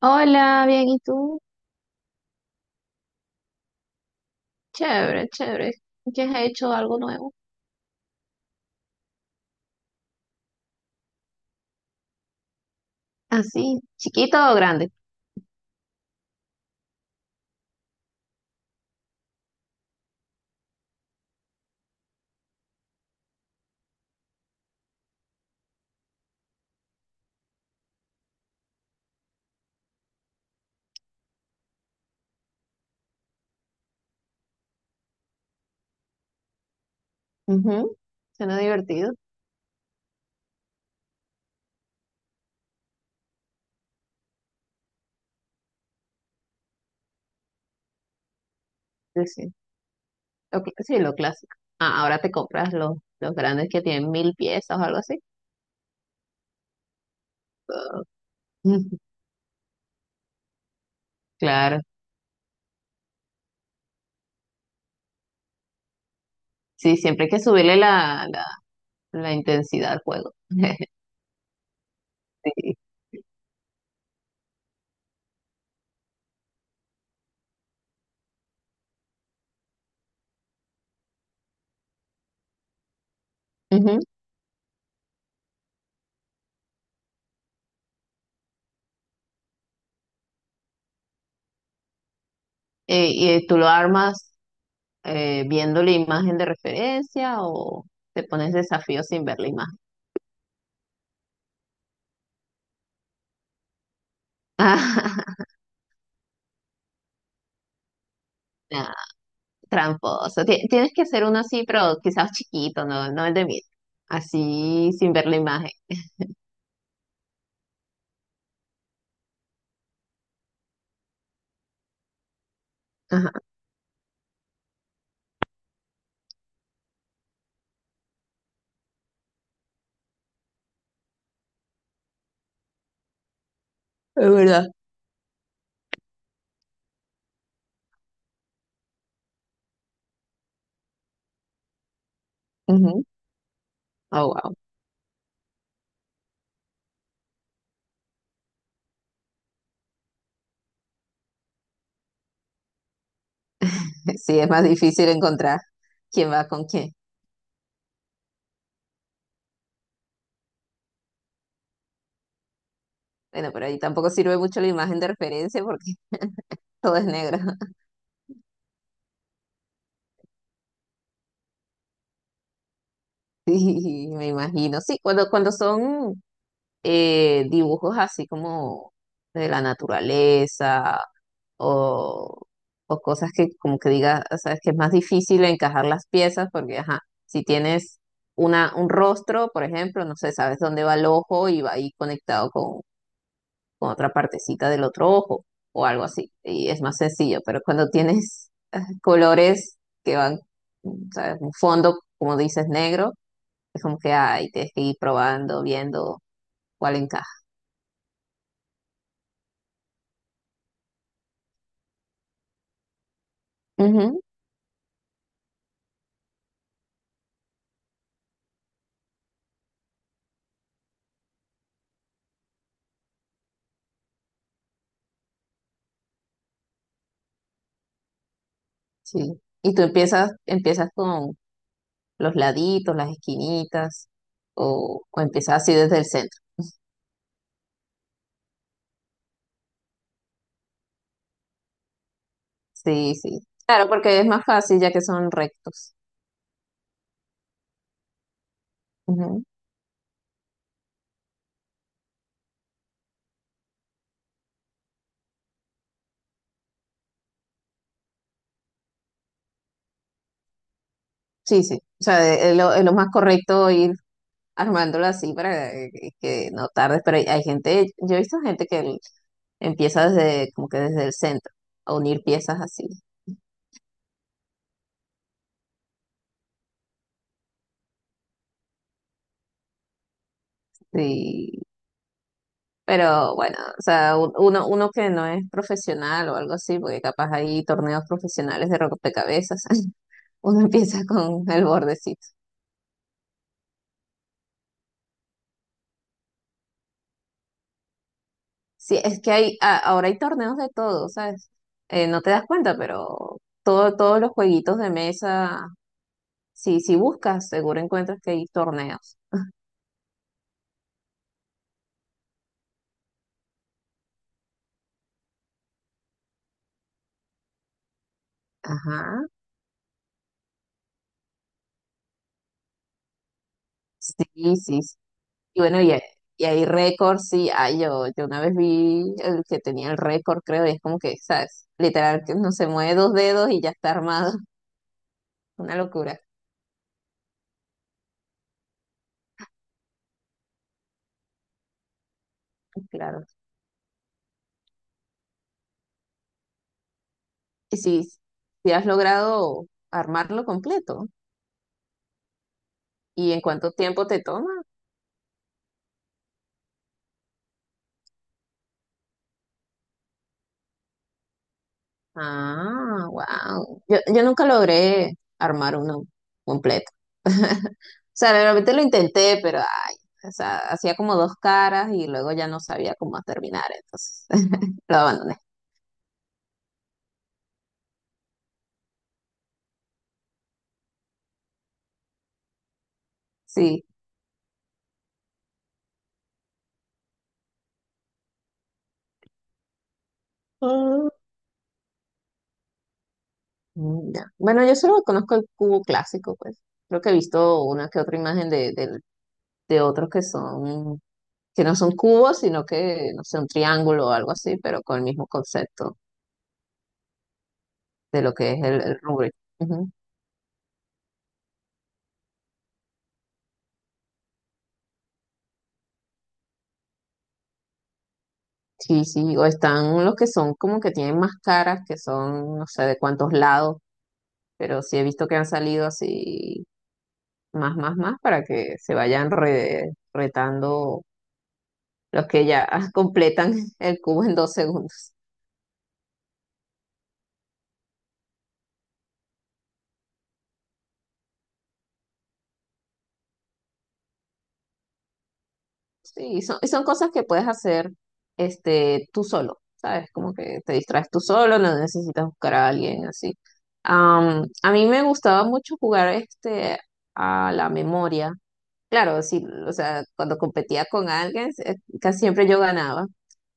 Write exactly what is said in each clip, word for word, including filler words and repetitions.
Hola, bien, ¿y tú? Chévere, chévere. ¿Qué has hecho? ¿Algo nuevo? ¿Así? ¿Chiquito o grande? Ujú. Suena divertido. Sí, sí. Lo, cl- sí, lo clásico. Ah, ahora te compras los, los grandes que tienen mil piezas o algo así. Ah. Claro. Sí, siempre hay que subirle la, la, la intensidad al juego. Sí. Ujú. Eh, ¿y eh, tú lo armas eh, viendo la imagen de referencia o te pones desafío sin ver la imagen? Nah, tramposo. Ti- tienes que hacer uno así, pero quizás chiquito, no, no el de mí. Así sin ver la imagen. Ajá, es verdad. Ujú. Oh, wow. Sí, es más difícil encontrar quién va con quién. Bueno, pero ahí tampoco sirve mucho la imagen de referencia porque todo es negro. Sí, me imagino. Sí, cuando, cuando, son eh, dibujos así como de la naturaleza o, o cosas que como que diga, o sea, es que es más difícil encajar las piezas porque, ajá, si tienes una, un rostro, por ejemplo, no sé, sabes dónde va el ojo y va ahí conectado con, con otra partecita del otro ojo o algo así, y es más sencillo, pero cuando tienes ah, colores que van, mm, sabes, un fondo, como dices, negro, es como que, ay, tienes que ir probando, viendo cuál encaja. Ujú, sí. Y tú empiezas, empiezas con, los laditos, las esquinitas, o, o, empezar así desde el centro. Sí, sí. Claro, porque es más fácil ya que son rectos. Ujú. Sí, sí. O sea, es lo, es lo más correcto ir armándolo así para que, que, no tardes. Pero hay, hay gente, yo he visto gente que el- empieza desde, como que desde el centro, a unir piezas así. Sí. Pero bueno, o sea, u- uno, uno que no es profesional o algo así, porque capaz hay torneos profesionales de rompecabezas, uno empieza con el bordecito. Sí, es que hay, a- ahora hay torneos de todo, ¿sabes? Eh, no te das cuenta, pero todo, todos los jueguitos de mesa, sí, si buscas, seguro encuentras que hay torneos. Ajá, sí, sí, sí. Y bueno, y, hay- y hay récords, sí. Ah, yo, yo una vez vi el que tenía el récord, creo, y es como que, ¿sabes? Literal, que no se mueve dos dedos y ya está armado. Una locura. Claro. Y si, si has logrado armarlo completo, ¿y en cuánto tiempo te toma? Ah, wow. Yo, yo nunca logré armar uno completo. O sea, realmente lo intenté, pero ay, o sea, hacía como dos caras y luego ya no sabía cómo terminar, entonces lo abandoné. Sí. Ah. Mm, ya. Bueno, yo solo conozco el cubo clásico, pues. Creo que he visto una que otra imagen de, del- de otros que son, que no son cubos, sino que, no sé, un triángulo o algo así, pero con el mismo concepto de lo que es el, el Rubik. Sí, sí, o están los que son como que tienen más caras, que son no sé de cuántos lados, pero sí he visto que han salido así más, más, más para que se vayan re- retando los que ya completan el cubo en dos segundos. Sí, son, y son cosas que puedes hacer este, tú solo, ¿sabes? Como que te distraes tú solo, no necesitas buscar a alguien así. Am, a mí me gustaba mucho jugar este, a la memoria. Claro, sí, o sea, cuando competía con alguien, eh, casi siempre yo ganaba.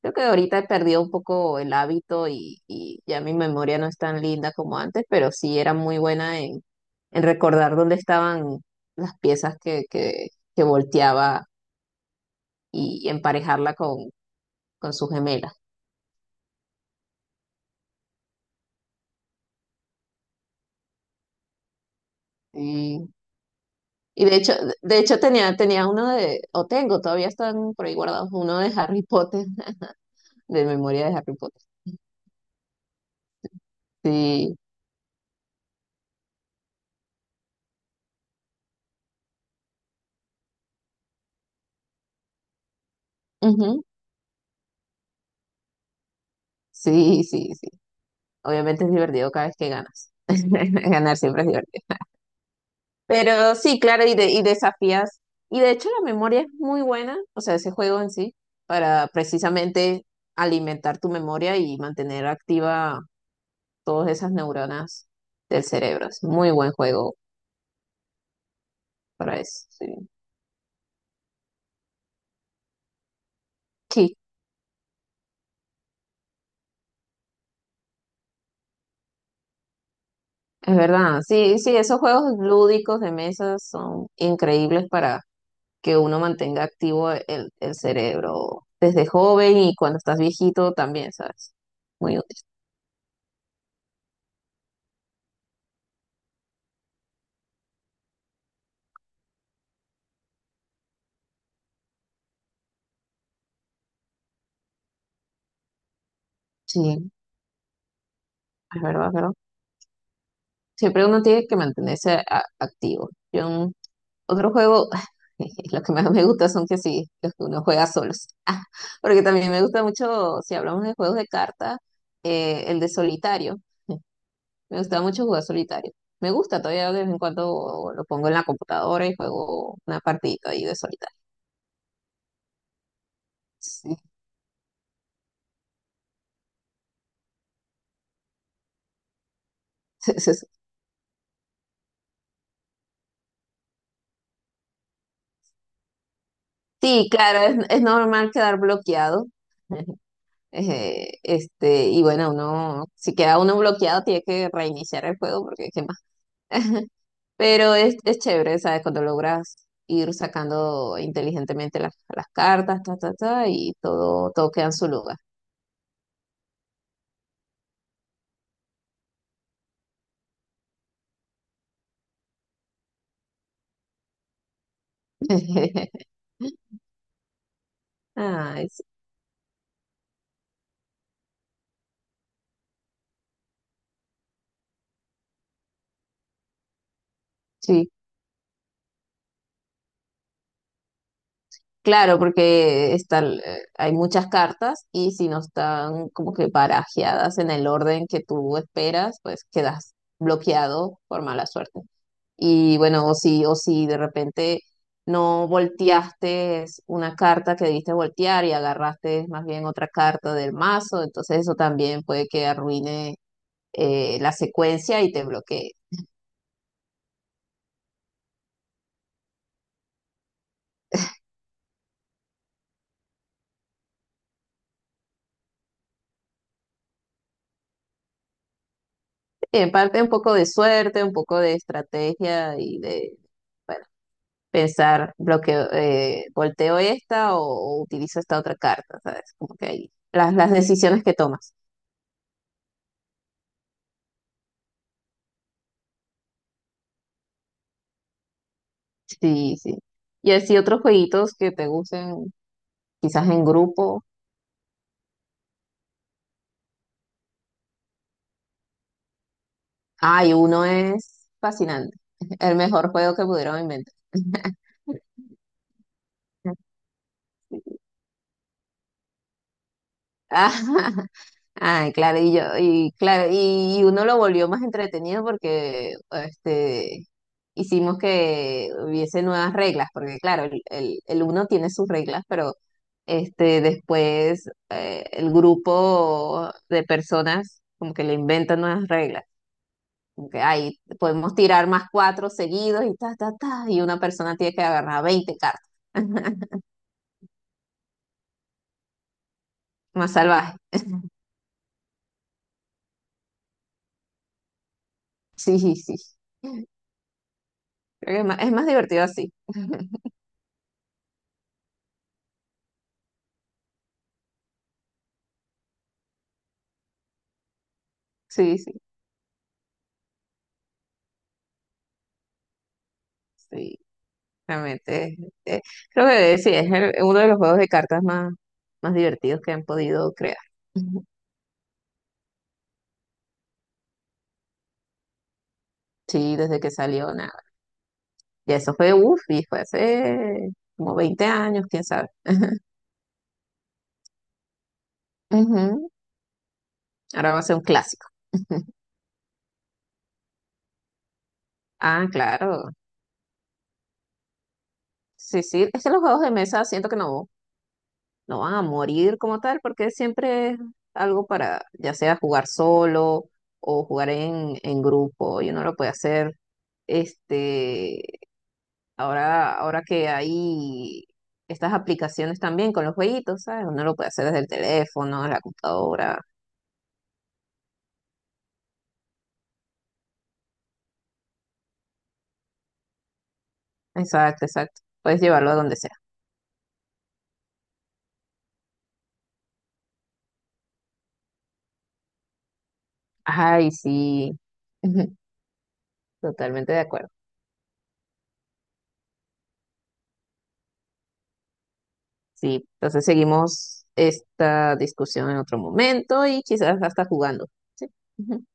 Creo que ahorita he perdido un poco el hábito y, y ya mi memoria no es tan linda como antes, pero sí era muy buena en, en recordar dónde estaban las piezas que, que, que volteaba y, emparejarla con, con su gemela. Y, y de hecho, de hecho tenía, tenía uno de, o tengo, todavía están por ahí guardados, uno de Harry Potter, de memoria de Harry Potter. Sí, ujú. Sí, sí, sí. Obviamente es divertido cada vez que ganas. Ganar siempre es divertido. Pero sí, claro, y, de- y desafías. Y de hecho la memoria es muy buena, o sea, ese juego en sí, para precisamente alimentar tu memoria y mantener activa todas esas neuronas del cerebro. Es muy buen juego para eso. Sí, sí, es verdad. Sí, sí, esos juegos lúdicos de mesas son increíbles que uno mantenga activo el, el cerebro desde joven y cuando estás viejito también, ¿sabes? Muy útil. Sí, es verdad, es verdad. Siempre uno tiene que mantenerse a- activo. Yo, en otro juego, lo que más me gusta son que sí, los que uno juega solos. Ah, porque también me gusta mucho, si hablamos de juegos de cartas, eh, el de solitario. Me gusta mucho jugar solitario. Me gusta, todavía de vez en cuando lo pongo en la computadora y juego una partidita ahí de solitario. Sí. Sí, claro, es, es normal quedar bloqueado. Eh, este, y bueno, uno, si queda uno bloqueado, tiene que reiniciar el juego porque qué más. Pero es, es chévere, ¿sabes? Cuando logras ir sacando inteligentemente las, las cartas, ta, ta, ta, y todo, todo queda en su lugar. Ay, sí. Claro, porque están, eh, hay muchas cartas y si no están como que barajeadas en el orden que tú esperas, pues quedas bloqueado por mala suerte. Y bueno, o si, o si de repente no volteaste una carta que debiste voltear y agarraste más bien otra carta del mazo, entonces eso también puede que arruine eh, la secuencia y te bloquee. En parte un poco de suerte, un poco de estrategia y de... Bueno, pensar, bloqueo, eh, volteo esta o, o, utilizo esta otra carta, ¿sabes? Como que ahí, las, las decisiones que tomas. Sí, sí. Y así otros jueguitos que te gusten, quizás en grupo. Ay, Uno es fascinante. El mejor juego que pudieron inventar. Ay, claro, y yo, y claro, y, y Uno lo volvió más entretenido porque este hicimos que hubiese nuevas reglas, porque claro, el, el, el Uno tiene sus reglas, pero este después eh, el grupo de personas como que le inventan nuevas reglas. Como que ay, podemos tirar más cuatro seguidos y ta, ta, ta, y una persona tiene que agarrar veinte cartas. Más salvaje. Sí, sí, sí. Creo que es más, es más divertido así. Sí, sí, sí. Realmente, eh, creo que sí, es el- uno de los juegos de cartas más, más divertidos que han podido crear. Ujú. Sí, desde que salió, nada. Y eso fue, uff, y fue hace como veinte años, quién sabe. Ujú. Ahora va a ser un clásico. Ah, claro. Sí, sí. Es que los juegos de mesa siento que no, no van a morir como tal, porque siempre es algo para, ya sea jugar solo o jugar en, en, grupo, y uno lo puede hacer este. Ahora, ahora que hay estas aplicaciones también con los jueguitos, ¿sabes? Uno lo puede hacer desde el teléfono, la computadora. Exacto, exacto. Puedes llevarlo a donde sea. Ay, sí. Totalmente de acuerdo. Sí, entonces seguimos esta discusión en otro momento y quizás hasta jugando. Sí.